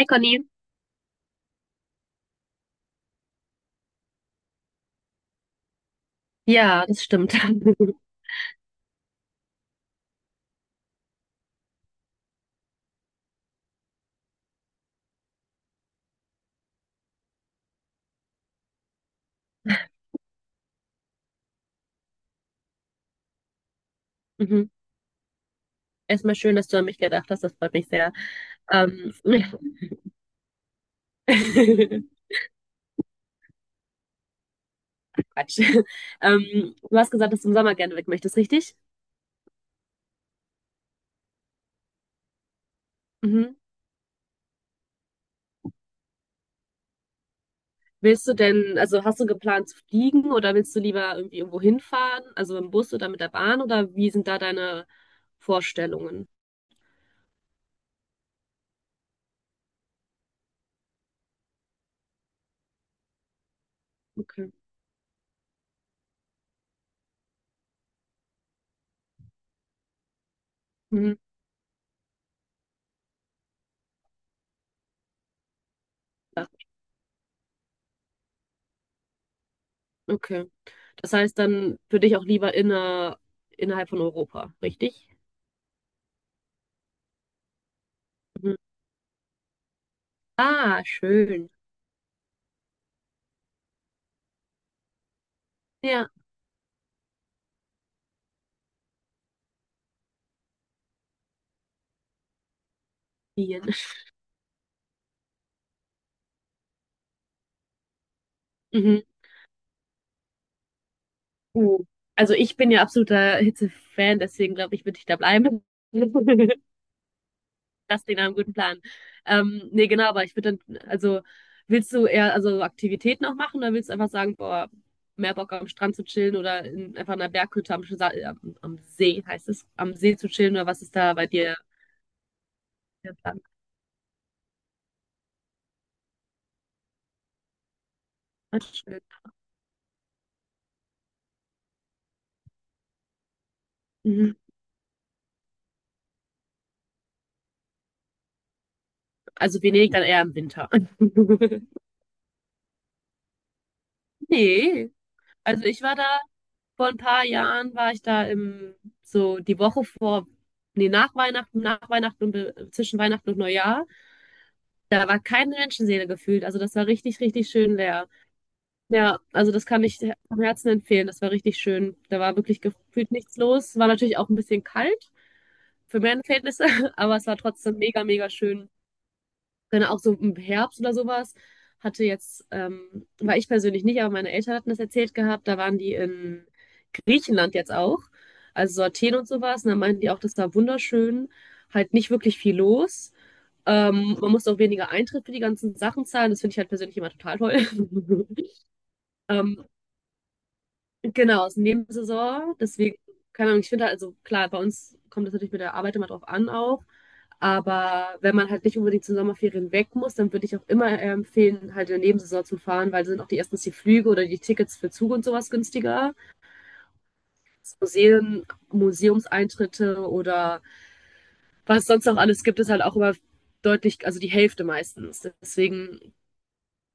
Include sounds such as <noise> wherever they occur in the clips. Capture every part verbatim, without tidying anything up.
Hi Conny. Ja, das stimmt. <laughs> Mhm. Erstmal schön, dass du an mich gedacht hast. Das freut mich sehr. Ähm, <laughs> Quatsch. Ähm, du hast gesagt, dass du im Sommer gerne weg möchtest, richtig? Mhm. Willst du denn, also hast du geplant zu fliegen oder willst du lieber irgendwie irgendwo hinfahren? Also im Bus oder mit der Bahn oder wie sind da deine Vorstellungen? Okay. Mhm. Ja, okay. Das heißt dann für dich auch lieber inner, innerhalb von Europa, richtig? Mhm. Ah, schön. Ja, Wien. <laughs> Mhm. Mhm. Also ich bin ja absoluter Hitze-Fan, deswegen glaube ich, würde ich da bleiben. <laughs> Das klingt nach einem guten Plan. Ähm, nee, genau, aber ich würde dann, also willst du eher also Aktivitäten auch machen oder willst du einfach sagen, boah, mehr Bock am Strand zu chillen oder in, einfach in einer Berghütte am, Sa- äh, am, am See, heißt es, am See zu chillen oder was ist da bei dir der Plan? Ah, schön. Mhm. Also Venedig dann eher im Winter. <laughs> Nee, also ich war da. Vor ein paar Jahren war ich da im, so die Woche vor, nee, nach Weihnachten, nach Weihnachten und be- zwischen Weihnachten und Neujahr. Da war keine Menschenseele gefühlt. Also das war richtig, richtig schön leer. Ja, also das kann ich vom Herzen empfehlen. Das war richtig schön. Da war wirklich gefühlt nichts los. War natürlich auch ein bisschen kalt für meine Verhältnisse, <laughs> aber es war trotzdem mega, mega schön. Genau, auch so im Herbst oder sowas hatte jetzt, ähm, war ich persönlich nicht, aber meine Eltern hatten das erzählt gehabt, da waren die in Griechenland jetzt auch, also so Athen und sowas, und da meinten die auch, das war wunderschön, halt nicht wirklich viel los. Ähm, man musste auch weniger Eintritt für die ganzen Sachen zahlen, das finde ich halt persönlich immer total toll. <laughs> Ähm, Genau, ist Nebensaison. Deswegen, keine Ahnung, ich finde halt, also klar, bei uns kommt das natürlich mit der Arbeit immer drauf an auch. Aber wenn man halt nicht unbedingt zu Sommerferien weg muss, dann würde ich auch immer äh, empfehlen, halt in der Nebensaison zu fahren, weil sind auch die erstens die Flüge oder die Tickets für Zug und sowas günstiger. Das Museen, Museumseintritte oder was sonst noch alles gibt, ist halt auch immer deutlich, also die Hälfte meistens. Deswegen,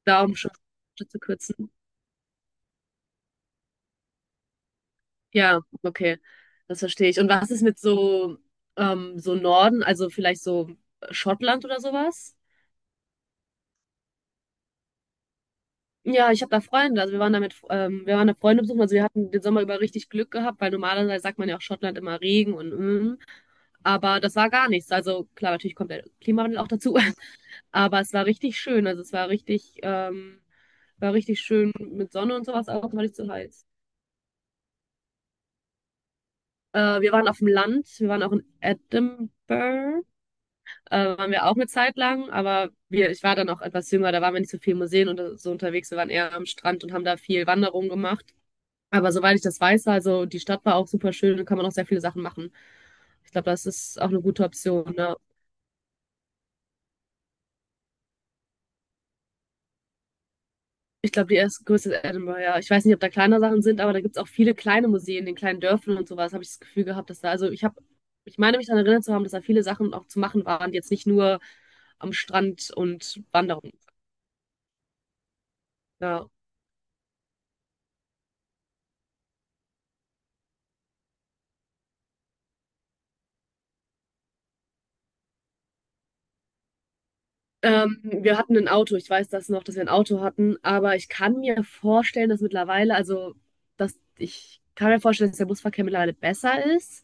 da um schon zu kürzen. Ja, okay, das verstehe ich. Und was ist mit so, ähm, so Norden, also vielleicht so Schottland oder sowas? Ja, ich habe da Freunde. Also wir waren da mit, ähm, wir waren da Freunde besuchen. Also wir hatten den Sommer über richtig Glück gehabt, weil normalerweise sagt man ja auch Schottland immer Regen und mm, aber das war gar nichts. Also klar, natürlich kommt der Klimawandel auch dazu, <laughs> aber es war richtig schön. Also es war richtig, ähm, war richtig schön mit Sonne und sowas, aber es war nicht zu heiß. Äh, wir waren auf dem Land, wir waren auch in Edinburgh. Äh, waren wir auch eine Zeit lang, aber wir, ich war dann auch etwas jünger, da waren wir nicht so viel in Museen und so unterwegs. Wir waren eher am Strand und haben da viel Wanderung gemacht. Aber soweit ich das weiß, also die Stadt war auch super schön und kann man auch sehr viele Sachen machen. Ich glaube, das ist auch eine gute Option. Ne? Ich glaube, die erste größte ist Edinburgh, ja. Ich weiß nicht, ob da kleinere Sachen sind, aber da gibt es auch viele kleine Museen in kleinen Dörfern und sowas, habe ich das Gefühl gehabt, dass da, also ich habe, ich meine mich daran erinnert zu haben, dass da viele Sachen auch zu machen waren, die jetzt nicht nur am Strand und Wanderung. Ja. Ähm, wir hatten ein Auto. Ich weiß das noch, dass wir ein Auto hatten, aber ich kann mir vorstellen, dass mittlerweile, also dass ich kann mir vorstellen, dass der Busverkehr mittlerweile besser ist.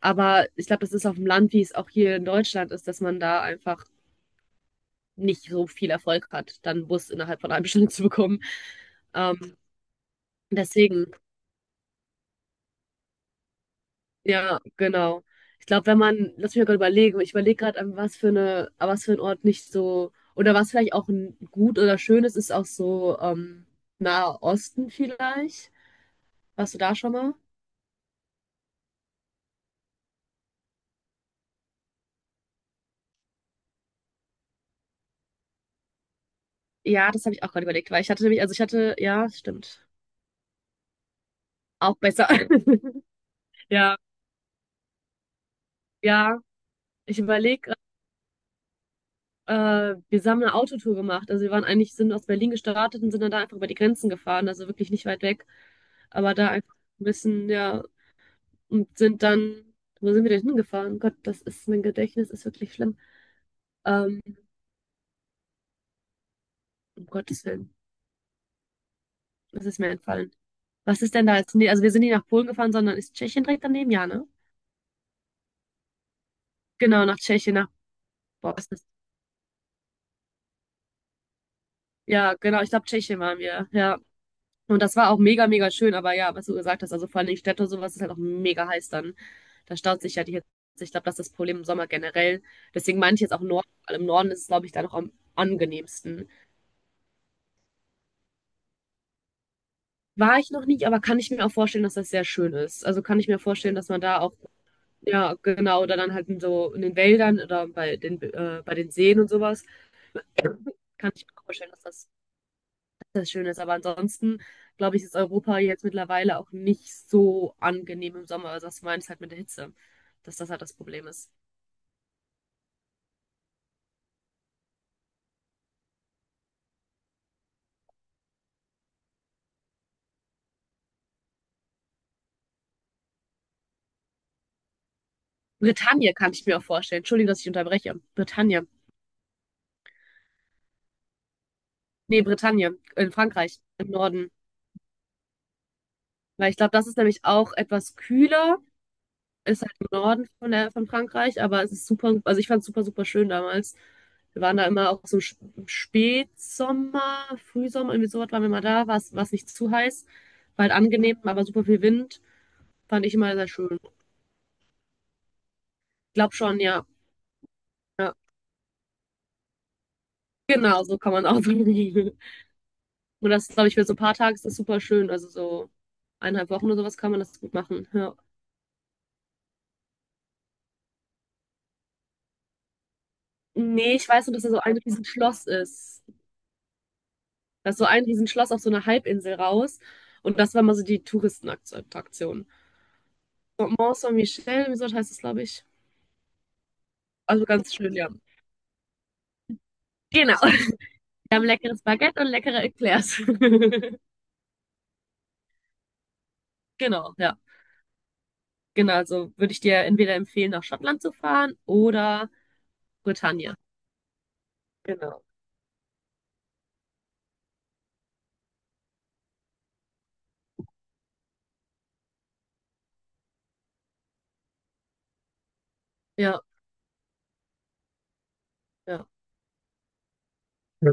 Aber ich glaube, das ist auf dem Land, wie es auch hier in Deutschland ist, dass man da einfach nicht so viel Erfolg hat, dann einen Bus innerhalb von einer <laughs> halben Stunde zu bekommen. Ähm, deswegen. Ja, genau. Ich glaube, wenn man, lass mich mal gerade überlegen, ich überlege gerade, an was für eine, an was für ein Ort nicht so, oder was vielleicht auch ein gut oder schön ist, ist auch so ähm, Nahe Osten vielleicht. Warst du da schon mal? Ja, das habe ich auch gerade überlegt, weil ich hatte nämlich, also ich hatte, ja, stimmt. Auch besser. <laughs> Ja, ja. Ich überlege, äh, wir haben eine Autotour gemacht. Also wir waren eigentlich, sind aus Berlin gestartet und sind dann da einfach über die Grenzen gefahren, also wirklich nicht weit weg. Aber da einfach ein bisschen, ja. Und sind dann, wo sind wir denn hingefahren? Oh Gott, das ist, mein Gedächtnis ist wirklich schlimm. Ähm, um Gottes Willen, das ist mir entfallen. Was ist denn da jetzt? Nee, also wir sind nicht nach Polen gefahren, sondern ist Tschechien direkt daneben? Ja, ne? Genau, nach Tschechien, nach, boah, was ist das? Ja, genau, ich glaube, Tschechien waren wir, ja. Und das war auch mega, mega schön, aber ja, was du gesagt hast, also vor allen Städte und sowas ist halt auch mega heiß dann. Da staut sich ja die Hitze. Ich glaube, das ist das Problem im Sommer generell. Deswegen meine ich jetzt auch Norden, weil im Norden ist es, glaube ich, da noch am angenehmsten. War ich noch nicht, aber kann ich mir auch vorstellen, dass das sehr schön ist. Also kann ich mir vorstellen, dass man da auch, ja, genau, oder dann halt in so in den Wäldern oder bei den, äh, bei den Seen und sowas, kann ich mir auch vorstellen, dass das, dass das schön ist. Aber ansonsten, glaube ich, ist Europa jetzt mittlerweile auch nicht so angenehm im Sommer. Also das meinst halt mit der Hitze, dass das halt das Problem ist. Bretagne kann ich mir auch vorstellen. Entschuldigung, dass ich unterbreche. Bretagne. Nee, Bretagne, in Frankreich, im Norden. Weil ich glaube, das ist nämlich auch etwas kühler. Ist halt im Norden von, der, von Frankreich, aber es ist super, also ich fand es super, super schön damals. Wir waren da immer auch so im Sp- im Spätsommer, Frühsommer, irgendwie sowas waren wir mal da, war es war es nicht zu heiß, war halt angenehm, aber super viel Wind, fand ich immer sehr schön. Ich glaube schon, ja. Ja, genau, so kann man auch sagen. <laughs> Und das, glaube ich, für so ein paar Tage ist das super schön, also so eineinhalb Wochen oder sowas kann man das gut machen. Ja. Nee, ich weiß nur, dass da so ein riesen Schloss ist. Da ist so ein Riesenschloss auf so einer Halbinsel raus. Und das war mal so die Touristenattraktion. Mont Saint-Michel, wie so heißt das glaube ich. Also ganz schön, ja. Genau. Wir haben leckeres Baguette und leckere Eclairs. <laughs> Genau, ja. Genau, also würde ich dir entweder empfehlen, nach Schottland zu fahren oder Britannia. Genau. Ja, ja. Ja.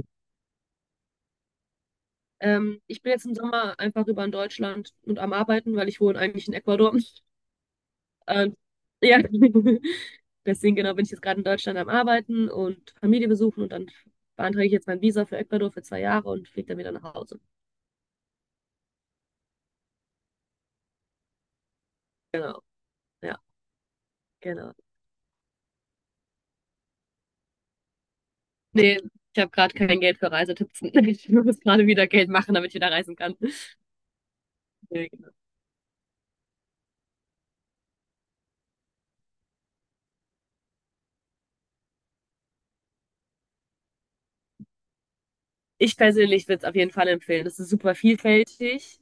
Ähm, ich bin jetzt im Sommer einfach über in Deutschland und am Arbeiten, weil ich wohne eigentlich in Ecuador. Und ja, <laughs> deswegen genau bin ich jetzt gerade in Deutschland am Arbeiten und Familie besuchen und dann beantrage ich jetzt mein Visa für Ecuador für zwei Jahre und fliege dann wieder nach Hause. Genau, ja, genau. Nee, ich habe gerade kein Geld für Reisetipps. <laughs> Ich muss gerade wieder Geld machen, damit ich wieder reisen kann. Nee, genau. Ich persönlich würde es auf jeden Fall empfehlen. Es ist super vielfältig.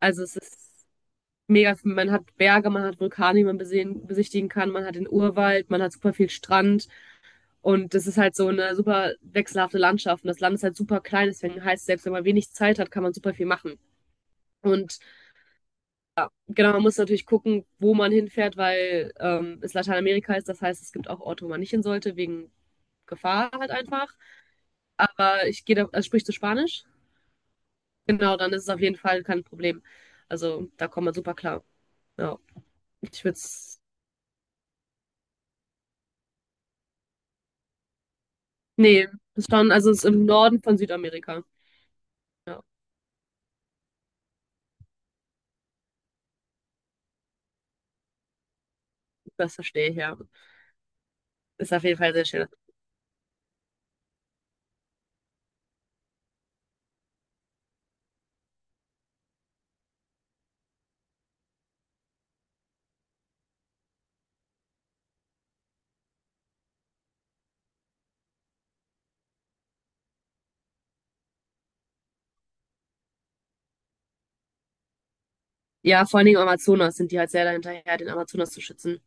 Also es ist mega, man hat Berge, man hat Vulkane, die man besehen, besichtigen kann, man hat den Urwald, man hat super viel Strand. Und das ist halt so eine super wechselhafte Landschaft. Und das Land ist halt super klein, deswegen heißt es, selbst wenn man wenig Zeit hat, kann man super viel machen. Und genau, man muss natürlich gucken, wo man hinfährt, weil ähm, es Lateinamerika ist. Das heißt, es gibt auch Orte, wo man nicht hin sollte, wegen Gefahr halt einfach. Aber ich gehe da, also sprichst du Spanisch? Genau, dann ist es auf jeden Fall kein Problem. Also da kommt man super klar. Ja, ich würde es. Nee, das ist schon, also es ist im Norden von Südamerika. Ja, das verstehe ich ja. Ist auf jeden Fall sehr schön. Ja, vor allen Dingen im Amazonas sind die halt sehr dahinterher, den Amazonas zu schützen.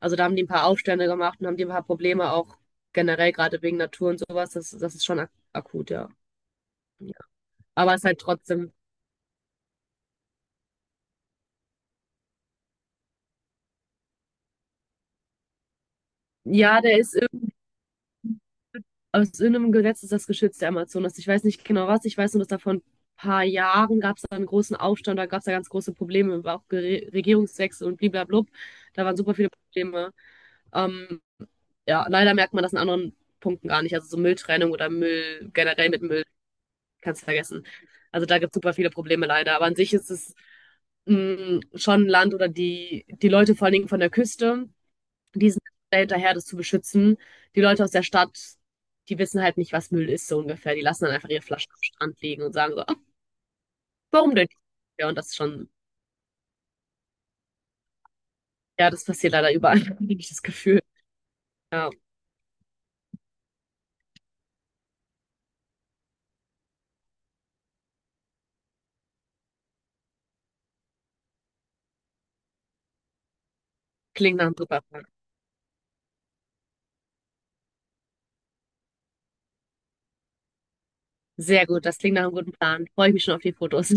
Also da haben die ein paar Aufstände gemacht und haben die ein paar Probleme auch generell, gerade wegen Natur und sowas. Das, das ist schon ak akut, ja. Ja. Aber es ist halt trotzdem. Ja, der ist irg- aus irgendeinem Gesetz ist das geschützt, der Amazonas. Ich weiß nicht genau was. Ich weiß nur, dass da vor ein paar Jahren gab es da einen großen Aufstand, da gab es da ganz große Probleme, war auch Gere- Regierungswechsel und blablabla. Da waren super viele Probleme. Ähm, ja, leider merkt man das in anderen Punkten gar nicht. Also so Mülltrennung oder Müll generell mit Müll kannst du vergessen. Also da gibt es super viele Probleme leider. Aber an sich ist es mh, schon ein Land oder die, die Leute vor allen Dingen von der Küste, die sind sehr hinterher, das zu beschützen. Die Leute aus der Stadt, die wissen halt nicht, was Müll ist, so ungefähr. Die lassen dann einfach ihre Flaschen am Strand liegen und sagen so: "Ah, warum denn nicht?" Ja, und das ist schon, ja, das passiert leider überall, <laughs> habe ich das Gefühl. Ja, klingt nach einem super Plan. Sehr gut, das klingt nach einem guten Plan. Freue ich mich schon auf die Fotos. <laughs>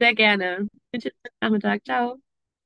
Sehr gerne. Wünsche dir einen schönen Nachmittag. Ciao.